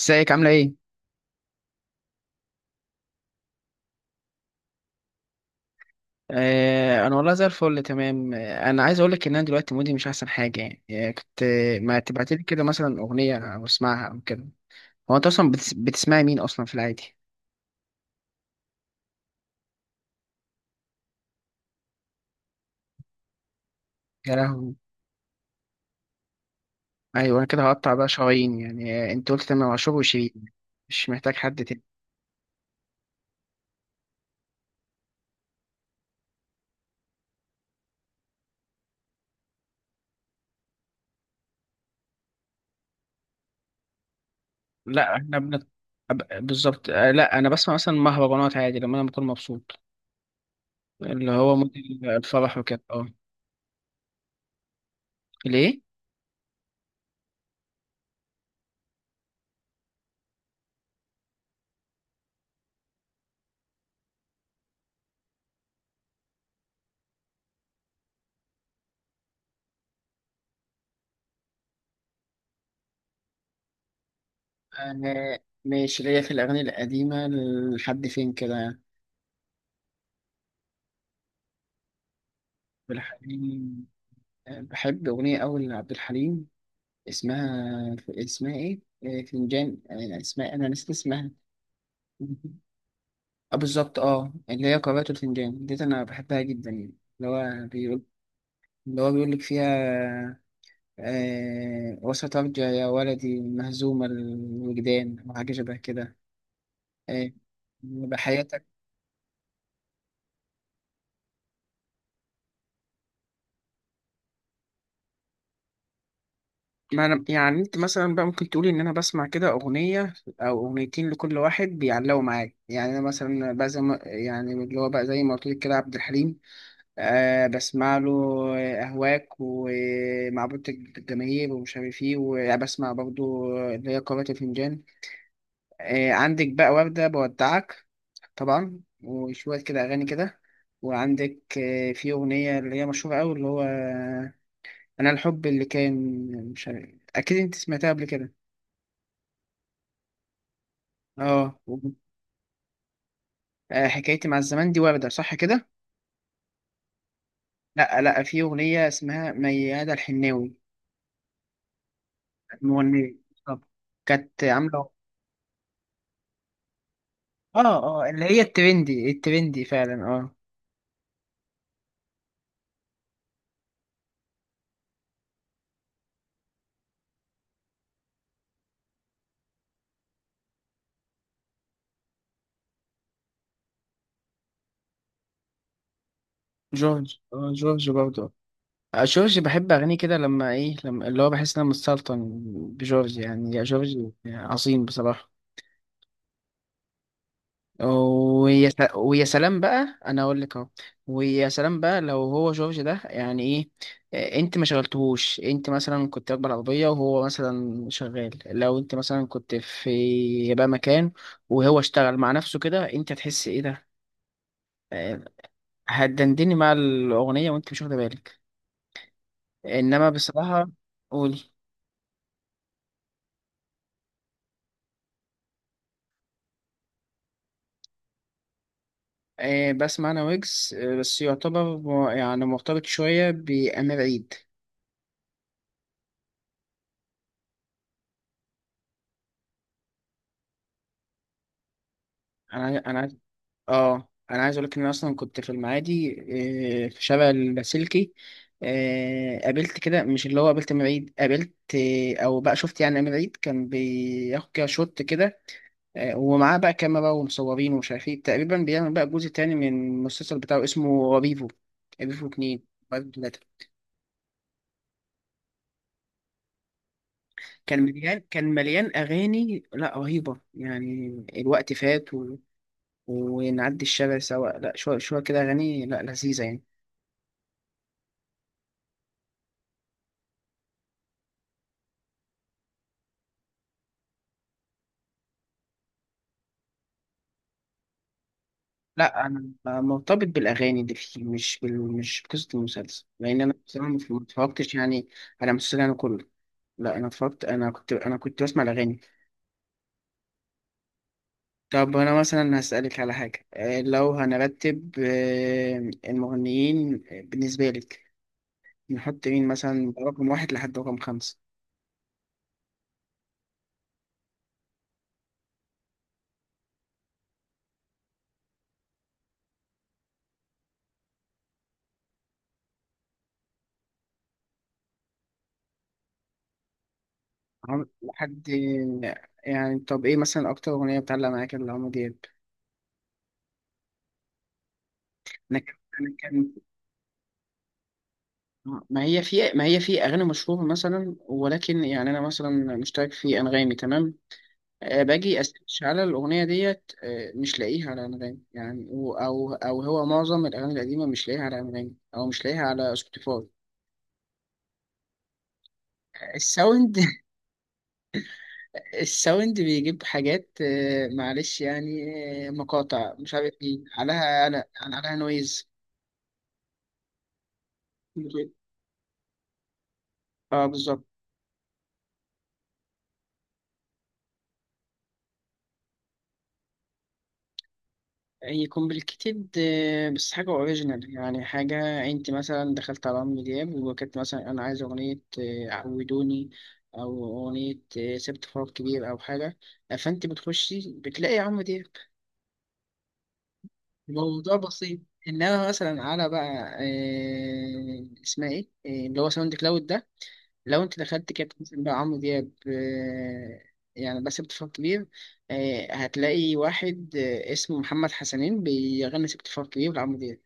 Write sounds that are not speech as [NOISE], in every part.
ازيك عاملة ايه؟ آه، انا والله زي الفل تمام. انا عايز اقولك ان انا دلوقتي مودي مش احسن حاجة. يعني كنت، ما تبعتلي كده مثلا اغنية او اسمعها او كده. هو انت اصلا بتسمعي مين اصلا في العادي؟ يا لهوي. ايوه انا كده هقطع بقى شرايين. يعني آه، انت قلت تمام عاشور وشيرين، مش محتاج حد تاني. لا احنا بالظبط. آه، لا انا بسمع مثلا مهرجانات عادي لما انا بكون مبسوط، اللي هو مودي الفرح وكده. اه. ليه؟ أنا ماشي ليا في الأغاني القديمة لحد فين كده يعني. عبد الحليم، بحب أغنية أوي لعبد الحليم. اسمها إيه؟ فنجان، اسمها، أنا نسيت اسمها. آه بالظبط، أه اللي هي قارئة الفنجان ديت أنا بحبها جدا يعني. اللي هو بيقول، اللي هو بيقول لك فيها، آه وسترجع يا ولدي مهزوم الوجدان وحاجة شبه كده. آه، بحياتك. ما أنا يعني، أنت مثلا بقى ممكن تقولي إن أنا بسمع كده أغنية أو أغنيتين لكل واحد بيعلقوا معايا. يعني أنا مثلا بقى زي ما يعني، اللي هو بقى زي ما قلت لك، كده عبد الحليم، آه بسمع له أهواك ومعبود الجماهير ومش عارف إيه. وبسمع برضه اللي هي قارئة الفنجان. آه عندك بقى وردة بودعك طبعا، وشوية كده أغاني كده. وعندك في أغنية اللي هي مشهورة أوي، اللي هو أنا الحب اللي كان، مش عارف، أكيد أنت سمعتها قبل كده. اه. آه، حكايتي مع الزمان دي وردة صح كده؟ لا لا، في أغنية اسمها ميادة الحناوي، مغنية بالظبط. كانت عاملة، اه اه، اللي هي الترندي الترندي فعلا. اه جورج، اه جورج برضه. آه، جورج بحب أغانيه كده لما إيه، لما اللي هو بحس إن أنا متسلطن بجورج يعني. يا جورج، عظيم بصراحة. ويا ويا سلام بقى، انا اقول لك اهو، ويا سلام بقى لو هو جورج ده يعني ايه. آه، انت ما شغلتهوش، انت مثلا كنت راكبه العربيه وهو مثلا شغال، لو انت مثلا كنت في بقى مكان وهو اشتغل مع نفسه كده، انت هتحس ايه ده. آه، هتدندني مع الاغنيه وانت مش واخده بالك، انما بصراحه. قولي. بسمع انا ويجز، آه بس يعتبر يعني مرتبط شويه بامير عيد. انا، اه انا عايز اقول لك ان أنا اصلا كنت في المعادي، في شارع اللاسلكي. آه، قابلت كده، مش اللي هو قابلت أمير عيد، قابلت، او بقى شفت يعني أمير عيد كان بياخد كده شوت كده. آه، ومعاه بقى كاميرا ومصورين ومش عارف ايه، تقريبا بيعمل بقى جزء تاني من المسلسل بتاعه اسمه ريفو، ريفو اتنين، ريفو تلاتة. كان مليان اغاني، لا رهيبه يعني، الوقت فات و... ونعدي الشارع سوا، لا شويه شويه كده اغاني، لا لذيذه يعني. لا انا مرتبط بالاغاني دي، مش مش بقصه المسلسل، لان انا بصراحه ما اتفرجتش يعني على المسلسل انا كله. لا انا اتفرجت، انا كنت بسمع الاغاني. طب انا مثلا هسالك على حاجه، آه، لو هنرتب المغنيين بالنسبه لك، نحط مين مثلا رقم واحد لحد رقم خمسه. لحد يعني، طب ايه مثلا اكتر اغنيه بتعلق معاك لعمرو دياب. انا كان، ما هي في اغاني مشهوره مثلا، ولكن يعني انا مثلا مشترك في انغامي تمام، آه، باجي اسيرش على الاغنيه ديت، آه، مش لاقيها على انغامي يعني، او هو معظم الاغاني القديمه مش لاقيها على انغامي او مش لاقيها على سبوتيفاي. الساوند [LAUGHS] الساوند بيجيب حاجات، معلش يعني، آه، مقاطع مش عارف ايه عليها، انا عليها نويز. اه بالظبط. يكون بالكتير آه، بس حاجة اوريجينال يعني، حاجة انت مثلا دخلت على عمرو دياب وكانت مثلا انا عايز اغنية، عودوني، او اغنية، سبت فراغ كبير، او حاجة، فانت بتخشي بتلاقي عمرو دياب، الموضوع بسيط. انما مثلا على بقى، آه، اسمها ايه، آه، اللي هو ساوند كلاود ده، لو انت دخلت كانت مثلا بقى عمرو دياب، آه، يعني بس سبت فراغ كبير، آه، هتلاقي واحد، اسمه محمد حسنين بيغني سبت فراغ كبير لعمرو دياب.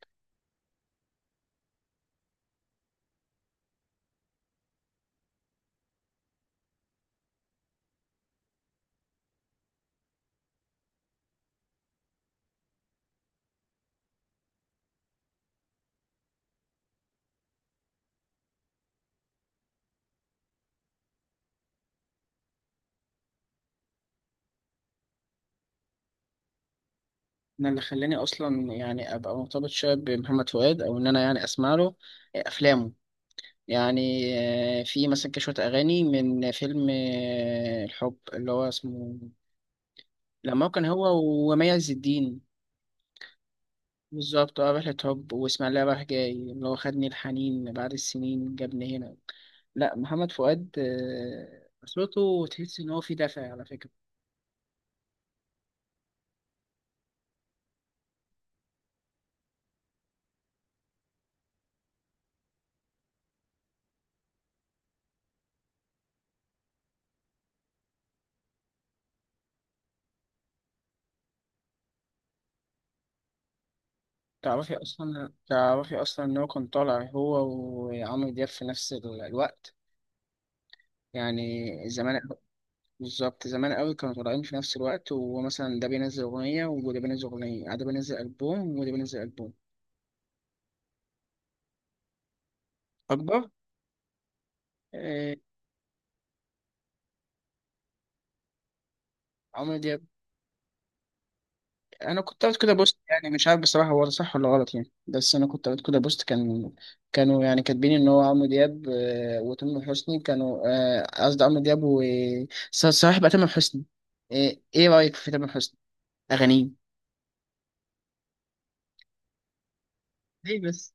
انا اللي خلاني اصلا يعني ابقى مرتبط شويه بمحمد فؤاد، او ان انا يعني اسمع له افلامه يعني. آه، في مثلا كشويه اغاني من فيلم، الحب اللي هو اسمه، لما هو كان هو ومي عز الدين. بالظبط، اه رحلة حب واسماعيلية رايح جاي، اللي هو خدني الحنين بعد السنين جابني هنا. لا محمد فؤاد، آه، صوته تحس ان هو فيه دفع على فكرة. تعرفي اصلا ان هو كان طالع هو وعمرو دياب في نفس الوقت، يعني زمان، بالظبط زمان قوي. كانوا طالعين في نفس الوقت ومثلا ده بينزل أغنية وده بينزل أغنية، ده بينزل ألبوم وده بينزل ألبوم أكبر. آه، عمرو دياب، أنا كنت قريت كده بوست، يعني مش عارف بصراحة هو ده صح ولا غلط يعني، بس أنا كنت قريت كده بوست، كان كانوا يعني كاتبين إن هو عمرو دياب، آه، وتامر حسني كانوا، آه، قصدي عمرو دياب و صلاح بقى تامر حسني، آه، إيه رأيك في تامر حسني أغانيه؟ ليه بس؟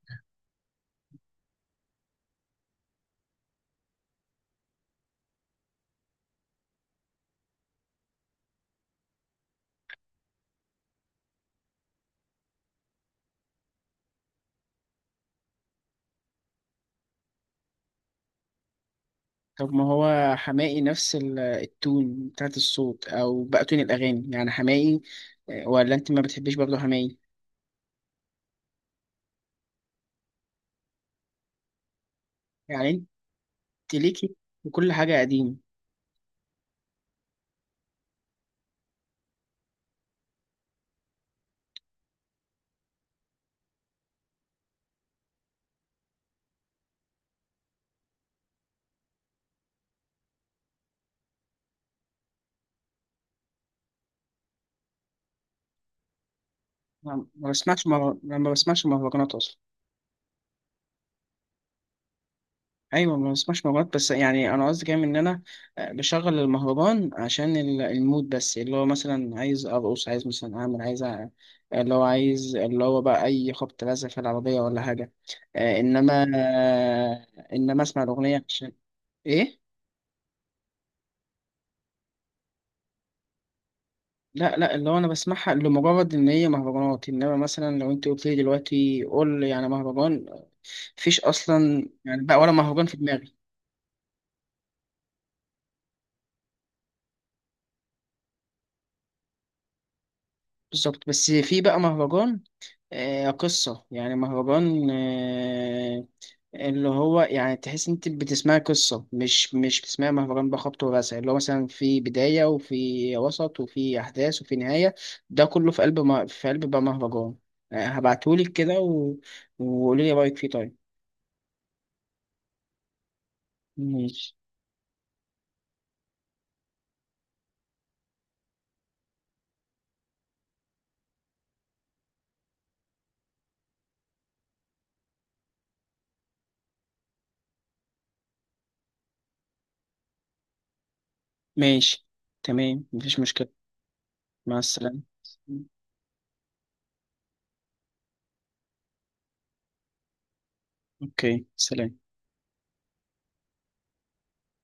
طب ما هو حماقي نفس التون بتاعت الصوت او بقى تون الاغاني يعني، حماقي آه، ولا انت ما بتحبيش برضه حماقي؟ يعني انت ليكي وكل حاجه قديم. ما بسمعش مهرجانات اصلا. ايوه ما بسمعش مهرجانات، بس يعني انا قصدي كام ان انا، آه، بشغل المهرجان عشان المود بس، اللي هو مثلا عايز ارقص، عايز مثلا اعمل، عايز اللي هو عايز، اللي هو بقى اي خبط لازق في العربيه ولا حاجه. آه، انما آه، انما اسمع الاغنيه عشان ايه. لا لا، اللي هو انا بسمعها لمجرد ان هي مهرجانات، انما مثلا لو انت قلت لي دلوقتي قول لي يعني مهرجان، مفيش اصلا يعني بقى ولا مهرجان في دماغي. بالظبط، بس في بقى مهرجان، آه قصة، يعني مهرجان آه، اللي هو يعني تحس انت بتسمعي قصة، مش بتسمعي مهرجان بقى خبط ورزع، اللي هو مثلا في بداية وفي وسط وفي احداث وفي نهاية، ده كله في قلب ما في قلب بقى مهرجان. آه هبعتهولك كده و... وقولي لي رأيك فيه، طيب؟ ماشي ماشي. تمام، مفيش مشكلة. مع السلامة. اوكي سلام.